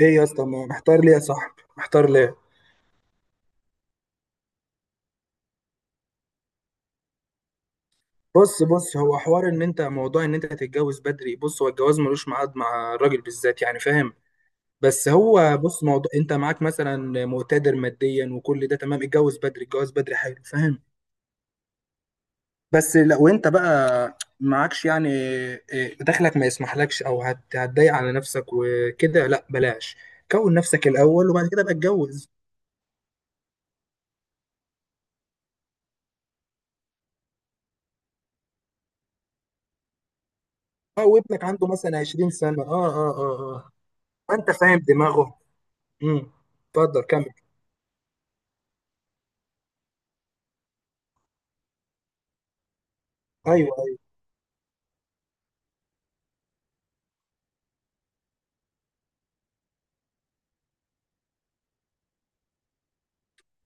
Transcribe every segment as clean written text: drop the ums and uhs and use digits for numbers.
ايه يا اسطى، محتار ليه يا صاحبي، محتار ليه؟ بص بص، هو حوار ان انت، موضوع ان انت هتتجوز بدري. بص، هو الجواز ملوش ميعاد مع الراجل بالذات، يعني فاهم. بس هو بص، موضوع انت معاك مثلا مقتدر ماديا وكل ده تمام، اتجوز بدري، اتجوز بدري حلو، فاهم. بس لو انت بقى معكش يعني، إيه، دخلك ما يسمحلكش، او هتضايق على نفسك وكده، لا بلاش. كون نفسك الاول وبعد كده بقى اتجوز. اه، وابنك عنده مثلا 20 سنة، اه اه اه اه. انت فاهم دماغه. امم اتفضل، كمل. ايوه ايوه.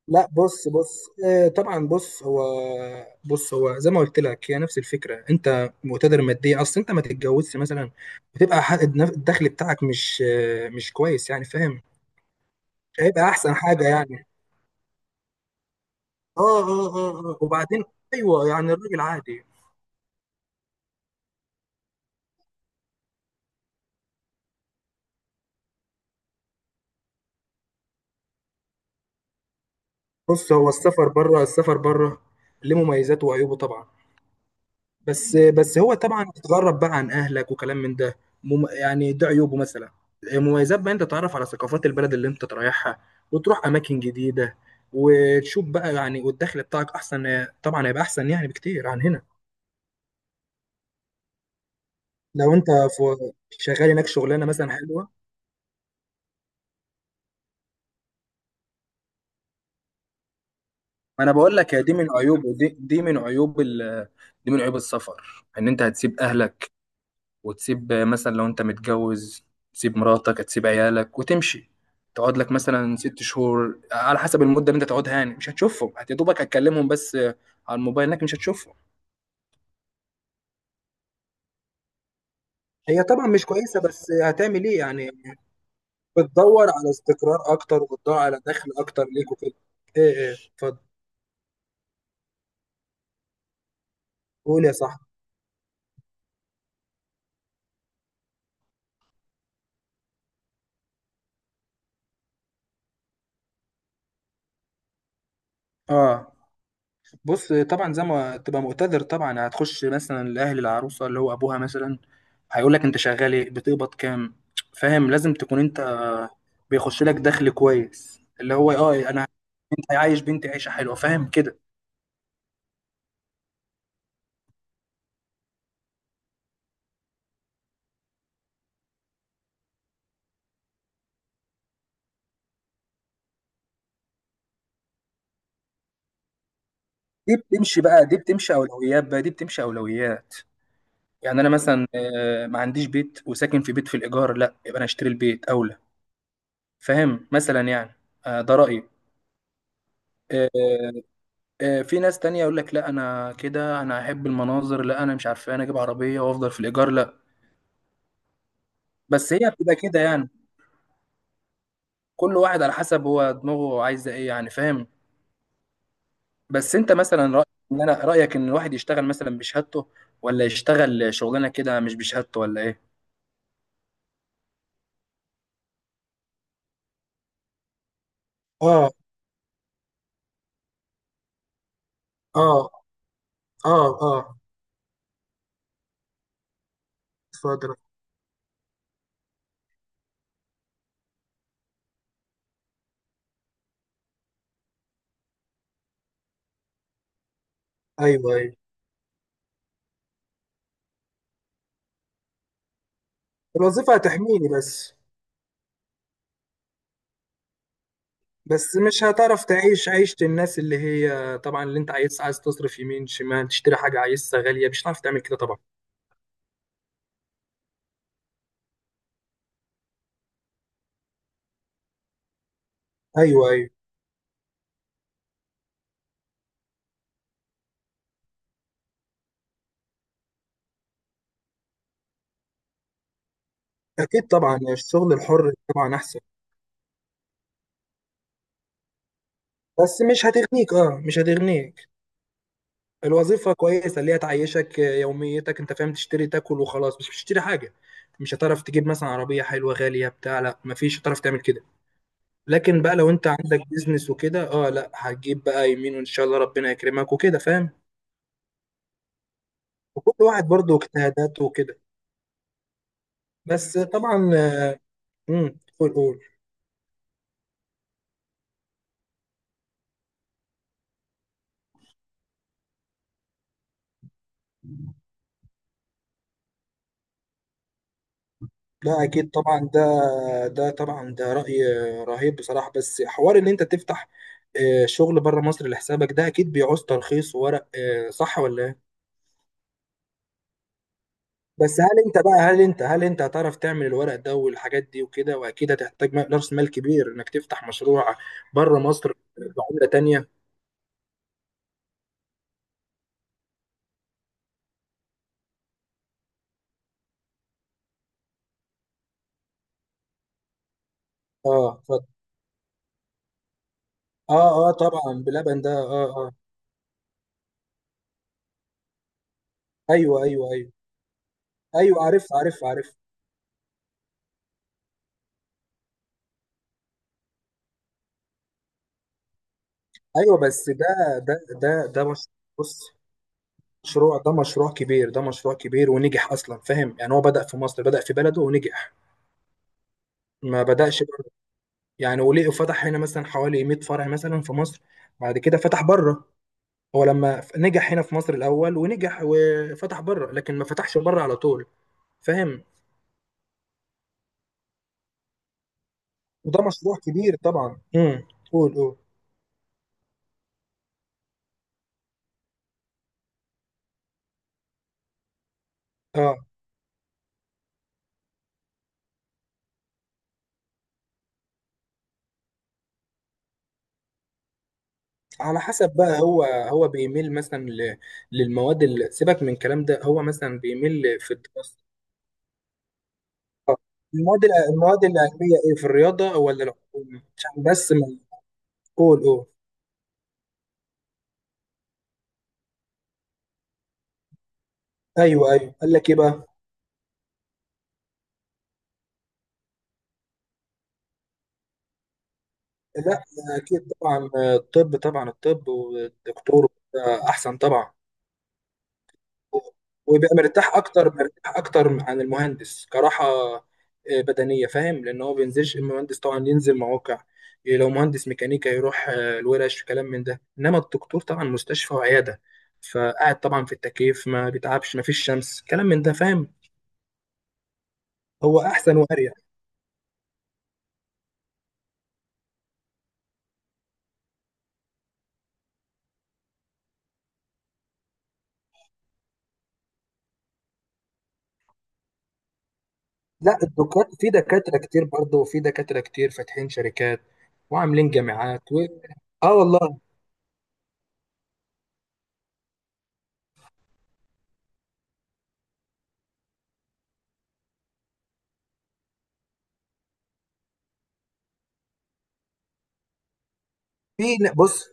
لا، بص بص، طبعا، بص هو. بص، هو زي ما قلت لك هي نفس الفكره. انت مقتدر ماديا، اصل انت ما تتجوزش مثلا، وتبقى، الدخل بتاعك مش مش كويس، يعني فاهم. مش هيبقى احسن حاجه يعني. اه اه اه اه، آه. وبعدين؟ ايوه يعني الراجل عادي. بص، هو السفر بره، السفر بره ليه مميزاته وعيوبه طبعا. بس بس هو طبعا تتغرب بقى عن اهلك وكلام من ده. يعني ده عيوبه مثلا. مميزات بقى، انت تتعرف على ثقافات البلد اللي انت رايحها، وتروح اماكن جديده، وتشوف بقى يعني، والدخل بتاعك احسن، طبعا هيبقى احسن يعني بكتير عن هنا. لو انت في شغال هناك شغلانه مثلا حلوه. ما انا بقول لك، هي دي من عيوب دي. دي من عيوب ال دي من عيوب السفر، ان انت هتسيب اهلك، وتسيب مثلا لو انت متجوز، تسيب مراتك، تسيب عيالك وتمشي، تقعد لك مثلا 6 شهور، على حسب المدة اللي انت تقعدها، يعني مش هتشوفهم، يا دوبك هتكلمهم بس على الموبايل، انك مش هتشوفهم. هي طبعا مش كويسه، بس هتعمل ايه يعني؟ بتدور على استقرار اكتر، وبتدور على دخل اكتر ليك وكده. ايه ايه، اتفضل. قول يا صاحبي. اه، بص، طبعا زي ما تبقى مقتدر، طبعا هتخش مثلا لاهل العروسه، اللي هو ابوها مثلا، هيقول لك انت شغال ايه، بتقبض كام؟ فاهم، لازم تكون انت بيخش لك دخل كويس، اللي هو اه، انا، انت عايش بنتي عيشه حلوه، فاهم كده. دي بتمشي بقى، دي بتمشي اولويات بقى، دي بتمشي اولويات. يعني انا مثلا، ما عنديش بيت وساكن في بيت في الايجار، لا، يبقى انا اشتري البيت اولى. فاهم مثلا يعني. ده رايي. آه، في ناس تانية يقول لك: لا، انا كده، انا احب المناظر، لا، انا مش عارف إيه، انا اجيب عربية وافضل في الايجار، لا. بس هي بتبقى كده يعني. كل واحد على حسب هو دماغه عايزة ايه، يعني فاهم. بس انت مثلا، رأيك ان الواحد يشتغل مثلا بشهادته، ولا يشتغل شغلانة كده مش بشهادته، ولا ايه؟ اه اه اه اه، اتفضل. ايوه ايوه. الوظيفه هتحميني بس. بس مش هتعرف تعيش عيشه الناس، اللي هي طبعا اللي انت عايز تصرف يمين شمال، تشتري حاجه عايزها غاليه، مش هتعرف تعمل كده طبعا. ايوه ايوه، اكيد طبعا يعني الشغل الحر طبعا احسن. بس مش هتغنيك، اه، مش هتغنيك. الوظيفه كويسه اللي هي تعيشك يوميتك، انت فاهم، تشتري تاكل وخلاص، مش بتشتري حاجه. مش هتعرف تجيب مثلا عربيه حلوه غاليه بتاع، لا مفيش، هتعرف تعمل كده. لكن بقى لو انت عندك بيزنس وكده، اه لا، هتجيب بقى يمين، وان شاء الله ربنا يكرمك وكده، فاهم. وكل واحد برضه اجتهاداته وكده. بس طبعا. قول قول. لا اكيد طبعا ده، ده طبعا ده راي رهيب بصراحه. بس حوار ان انت تفتح شغل بره مصر لحسابك، ده اكيد بيعوز ترخيص وورق، صح ولا ايه؟ بس هل انت بقى، هل انت هتعرف تعمل الورق ده والحاجات دي وكده، واكيد هتحتاج راس مال كبير انك تفتح مشروع بره مصر بعمله تانية. اه، اتفضل. اه اه، طبعا بلبن ده، اه اه. ايوه ايوه ايوه ايوه، عارف عارف عارف. ايوه، بس ده، مش. بص، مشروع ده مشروع كبير، ده مشروع كبير ونجح اصلا، فاهم يعني. هو بدأ في مصر، بدأ في بلده ونجح. ما بدأش بره. يعني وليه فتح هنا مثلا حوالي 100 فرع مثلا في مصر، بعد كده فتح بره. هو لما نجح هنا في مصر الاول ونجح وفتح بره، لكن ما فتحش بره على طول. فاهم. وده مشروع كبير طبعا. قول قول. اه، على حسب بقى، هو هو بيميل مثلا للمواد. اللي سيبك من الكلام ده، هو مثلا بيميل في الدراسة، المواد العلمية، ايه في الرياضة ولا العلوم؟ عشان بس ما، قول قول. ايوه ايوه، قال لك ايه بقى؟ لا اكيد طبعا، الطب، طبعا الطب والدكتور، ده احسن طبعا. ويبقى مرتاح اكتر، مرتاح اكتر عن المهندس، كراحة بدنية، فاهم، لان هو بينزلش. المهندس طبعا ينزل مواقع، إيه، لو مهندس ميكانيكا يروح الورش وكلام من ده، انما الدكتور طبعا مستشفى وعيادة، فقاعد طبعا في التكييف، ما بيتعبش، ما فيش شمس، كلام من ده، فاهم. هو احسن واريح. لا، الدكاتره في دكاتره كتير برضه، وفي دكاتره كتير فاتحين شركات وعاملين جامعات و. اه والله. في بص،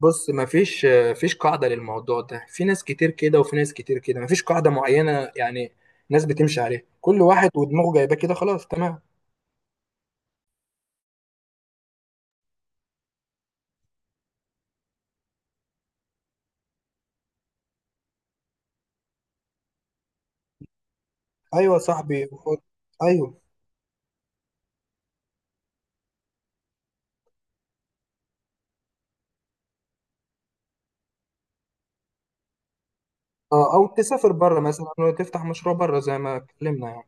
بص، ما فيش، فيش قاعده للموضوع ده. في ناس كتير كده، وفي ناس كتير كده، ما فيش قاعده معينه يعني. ناس بتمشي عليها، كل واحد ودماغه جايباه كده، خلاص تمام. ايوه يا صاحبي. ايوه، اه، او تسافر بره مثلا وتفتح مشروع بره زي ما اتكلمنا يعني.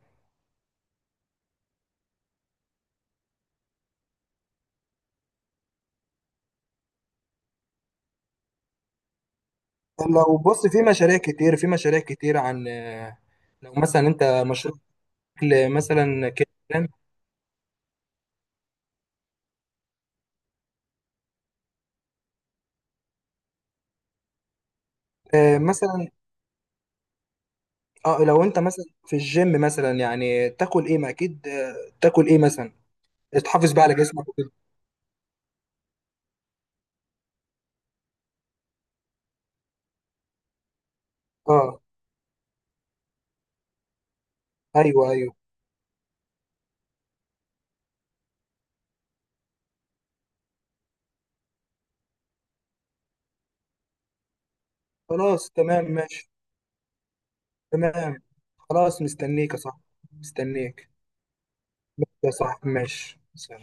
لو بص، في مشاريع كتير، في مشاريع كتير عن، لو مثلا انت مشروع أكل مثلا كده، مثلا، اه لو انت مثلا في الجيم مثلا، يعني تاكل ايه، ما اكيد تاكل ايه مثلا، تحافظ بقى على جسمك وكده. اه ايوه ايوه، خلاص تمام ماشي. تمام، خلاص، مستنيك يا صاحبي، مستنيك. ماشي يا صاحبي، ماشي، سلام.